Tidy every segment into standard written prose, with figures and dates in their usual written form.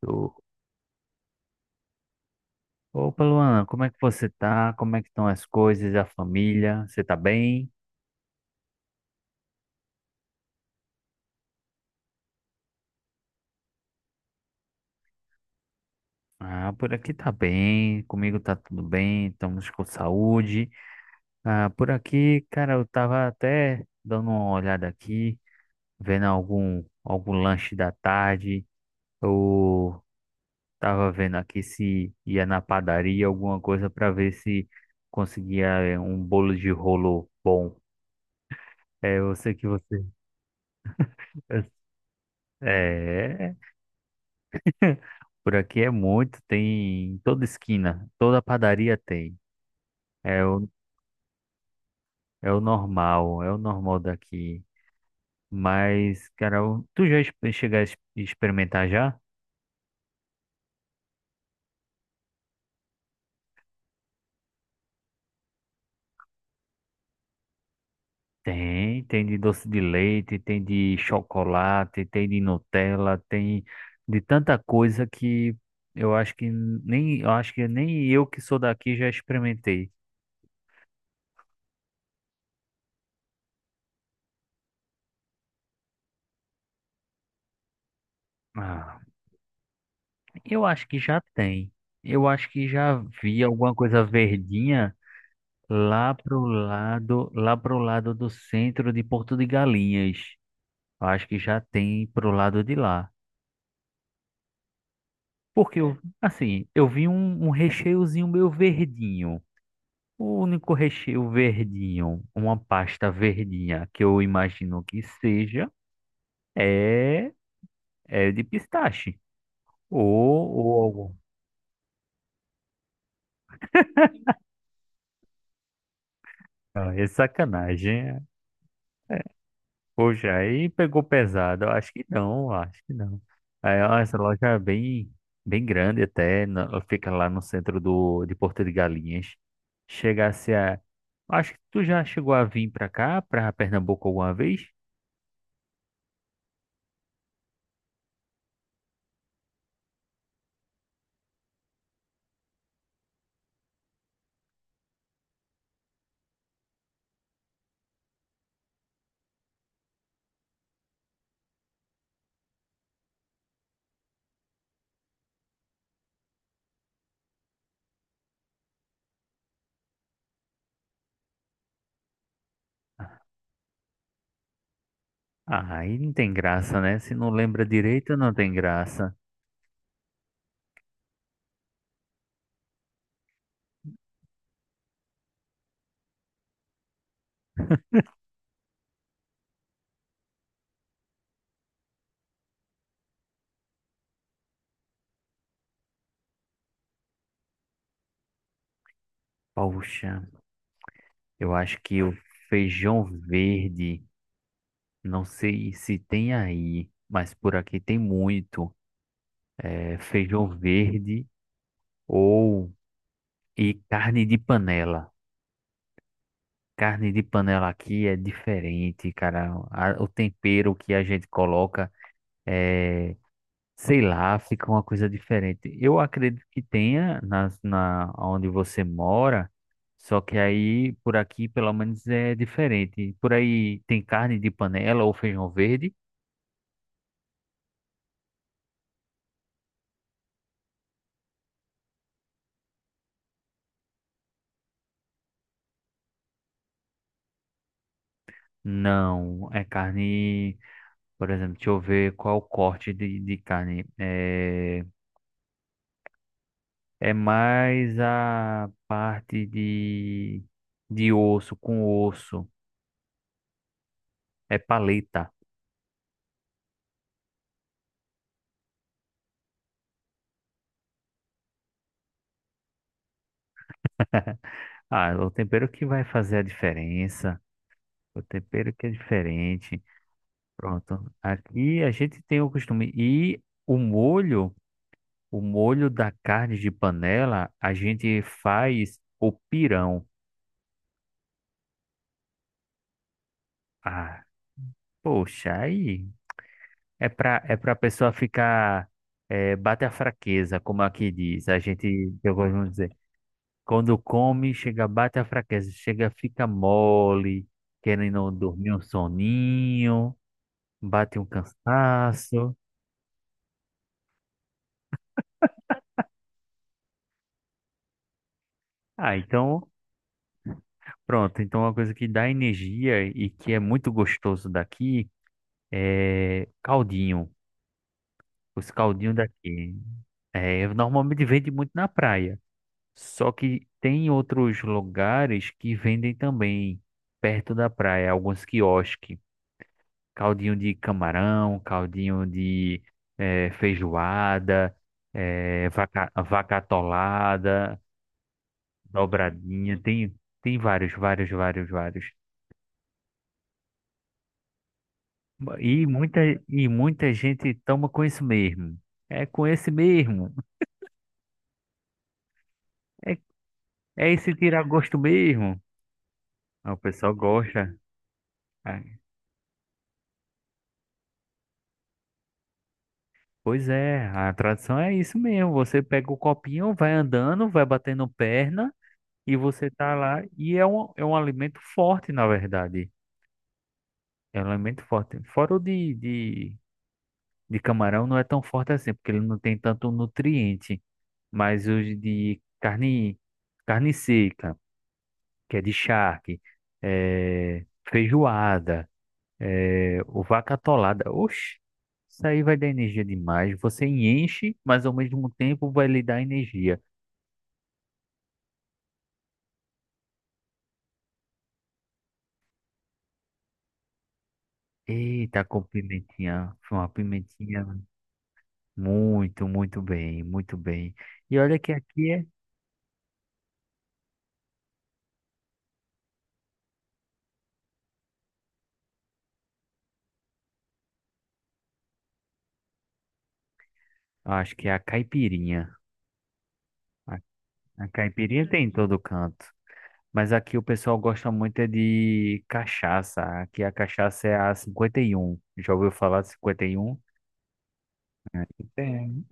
Tô. Opa, Luana, como é que você tá? Como é que estão as coisas, a família? Você tá bem? Ah, por aqui tá bem, comigo tá tudo bem, estamos com saúde. Ah, por aqui, cara, eu tava até dando uma olhada aqui, vendo algum lanche da tarde. Eu tava vendo aqui se ia na padaria, alguma coisa para ver se conseguia um bolo de rolo bom. É, eu sei que você. É, por aqui é muito, tem em toda esquina, toda padaria tem. É o, é o normal daqui. Mas, cara, tu já chegar a experimentar já? Tem, tem de doce de leite, tem de chocolate, tem de Nutella, tem de tanta coisa que eu acho que nem eu que sou daqui já experimentei. Ah, eu acho que já tem. Eu acho que já vi alguma coisa verdinha. Lá pro lado do centro de Porto de Galinhas. Eu acho que já tem pro lado de lá. Porque eu, assim, eu vi um recheiozinho meio verdinho. O único recheio verdinho, uma pasta verdinha que eu imagino que seja, é, é de pistache. Ou, ou, algum- ah, é sacanagem. Poxa, aí pegou pesado. Eu acho que não. Aí, ó, essa loja é bem grande até. Ela fica lá no centro de Porto de Galinhas. Chegasse a. Acho que tu já chegou a vir pra cá, pra Pernambuco alguma vez? Ah, aí não tem graça, né? Se não lembra direito, não tem graça. Poxa, eu acho que o feijão verde, não sei se tem aí, mas por aqui tem muito. É feijão verde ou. E carne de panela. Carne de panela aqui é diferente, cara. O tempero que a gente coloca é, sei lá, fica uma coisa diferente. Eu acredito que tenha na onde você mora, só que aí por aqui pelo menos é diferente. Por aí tem carne de panela ou feijão verde? Não, é carne, por exemplo, deixa eu ver qual o corte de carne. É mais a parte de osso com osso. É paleta. Ah, é o tempero que vai fazer a diferença. O tempero que é diferente. Pronto. Aqui a gente tem o costume. E o molho, o molho da carne de panela, a gente faz o pirão. Ah, poxa, aí é é pra pessoa ficar. Bate a fraqueza, como aqui diz. A gente, eu gosto de dizer. Quando come, chega, bate a fraqueza, chega, fica mole, querendo dormir um soninho, bate um cansaço. Ah, então, pronto. Então, uma coisa que dá energia e que é muito gostoso daqui é caldinho. Os caldinhos daqui. É, normalmente vende muito na praia. Só que tem outros lugares que vendem também perto da praia, alguns quiosques. Caldinho de camarão, caldinho de feijoada, vaca atolada, dobradinha, tem vários. E muita, e muita gente toma com isso mesmo. É com esse mesmo. É, é esse tirar gosto mesmo. Ah, o pessoal gosta. Ah, pois é, a tradição é isso mesmo. Você pega o copinho, vai andando, vai batendo perna e você tá lá. E é é um alimento forte, na verdade. Ela é muito forte. Fora o de camarão não é tão forte assim, porque ele não tem tanto nutriente. Mas os de carne, carne seca, que é de charque, feijoada, o vaca atolada. Oxe, isso aí vai dar energia demais. Você enche, mas ao mesmo tempo vai lhe dar energia. Eita, com pimentinha. Foi uma pimentinha muito bem, muito bem. E olha que aqui é, acho que é a caipirinha. A caipirinha tem em todo canto. Mas aqui o pessoal gosta muito é de cachaça. Aqui a cachaça é a 51. Já ouviu falar de 51? Tem.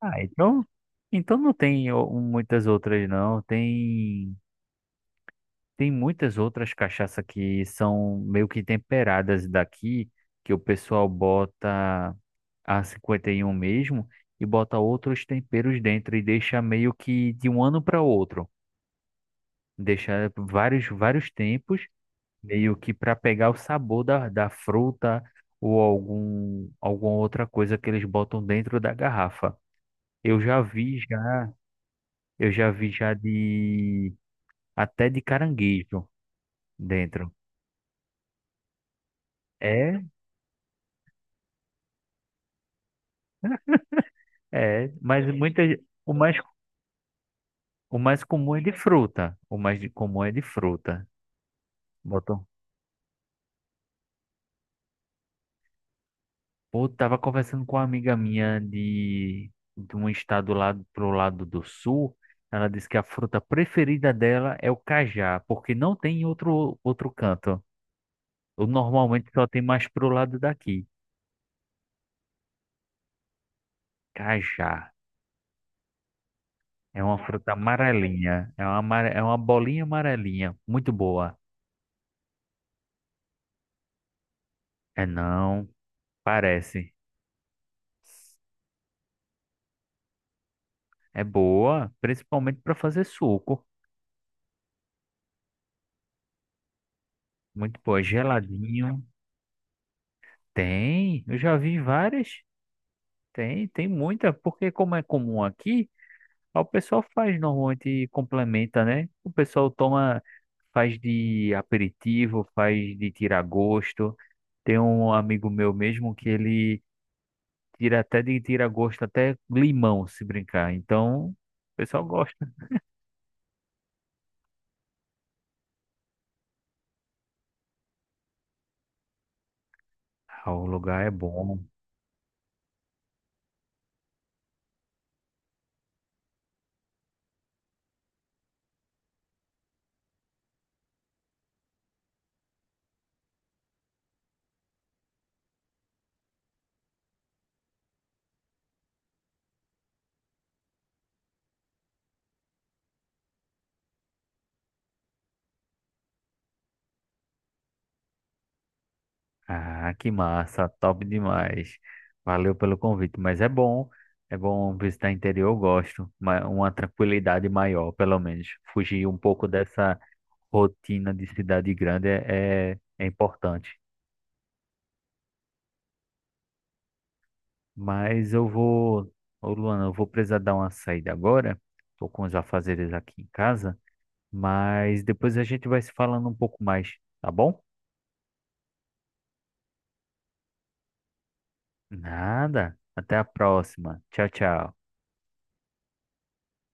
Ah, então, então não tem muitas outras, não. Tem, tem muitas outras cachaça que são meio que temperadas daqui, que o pessoal bota a 51 mesmo e bota outros temperos dentro e deixa meio que de um ano para outro. Deixa vários tempos meio que para pegar o sabor da fruta ou alguma outra coisa que eles botam dentro da garrafa. Eu já vi já, eu já vi já de até de caranguejo dentro. É, mas muitas o mais o mais comum é de fruta. Comum é de fruta. Pô, tava conversando com uma amiga minha de um estado lá pro lado do sul. Ela disse que a fruta preferida dela é o cajá, porque não tem em outro canto. Eu, normalmente só tem mais pro lado daqui. Cajá é uma fruta amarelinha, é uma é uma bolinha amarelinha, muito boa. É não, parece. É boa, principalmente para fazer suco. Muito boa, geladinho. Tem, eu já vi várias. Tem, tem muita, porque como é comum aqui, o pessoal faz normalmente e complementa, né? O pessoal toma, faz de aperitivo, faz de tirar gosto. Tem um amigo meu mesmo que ele tira até de tirar gosto até limão, se brincar. Então, o pessoal gosta. Ah, o lugar é bom. Ah, que massa, top demais. Valeu pelo convite, mas é bom visitar interior, eu gosto, uma tranquilidade maior, pelo menos. Fugir um pouco dessa rotina de cidade grande é importante. Mas eu vou, ô Luana, eu vou precisar dar uma saída agora, tô com os afazeres aqui em casa, mas depois a gente vai se falando um pouco mais, tá bom? Nada, até a próxima. Tchau, tchau.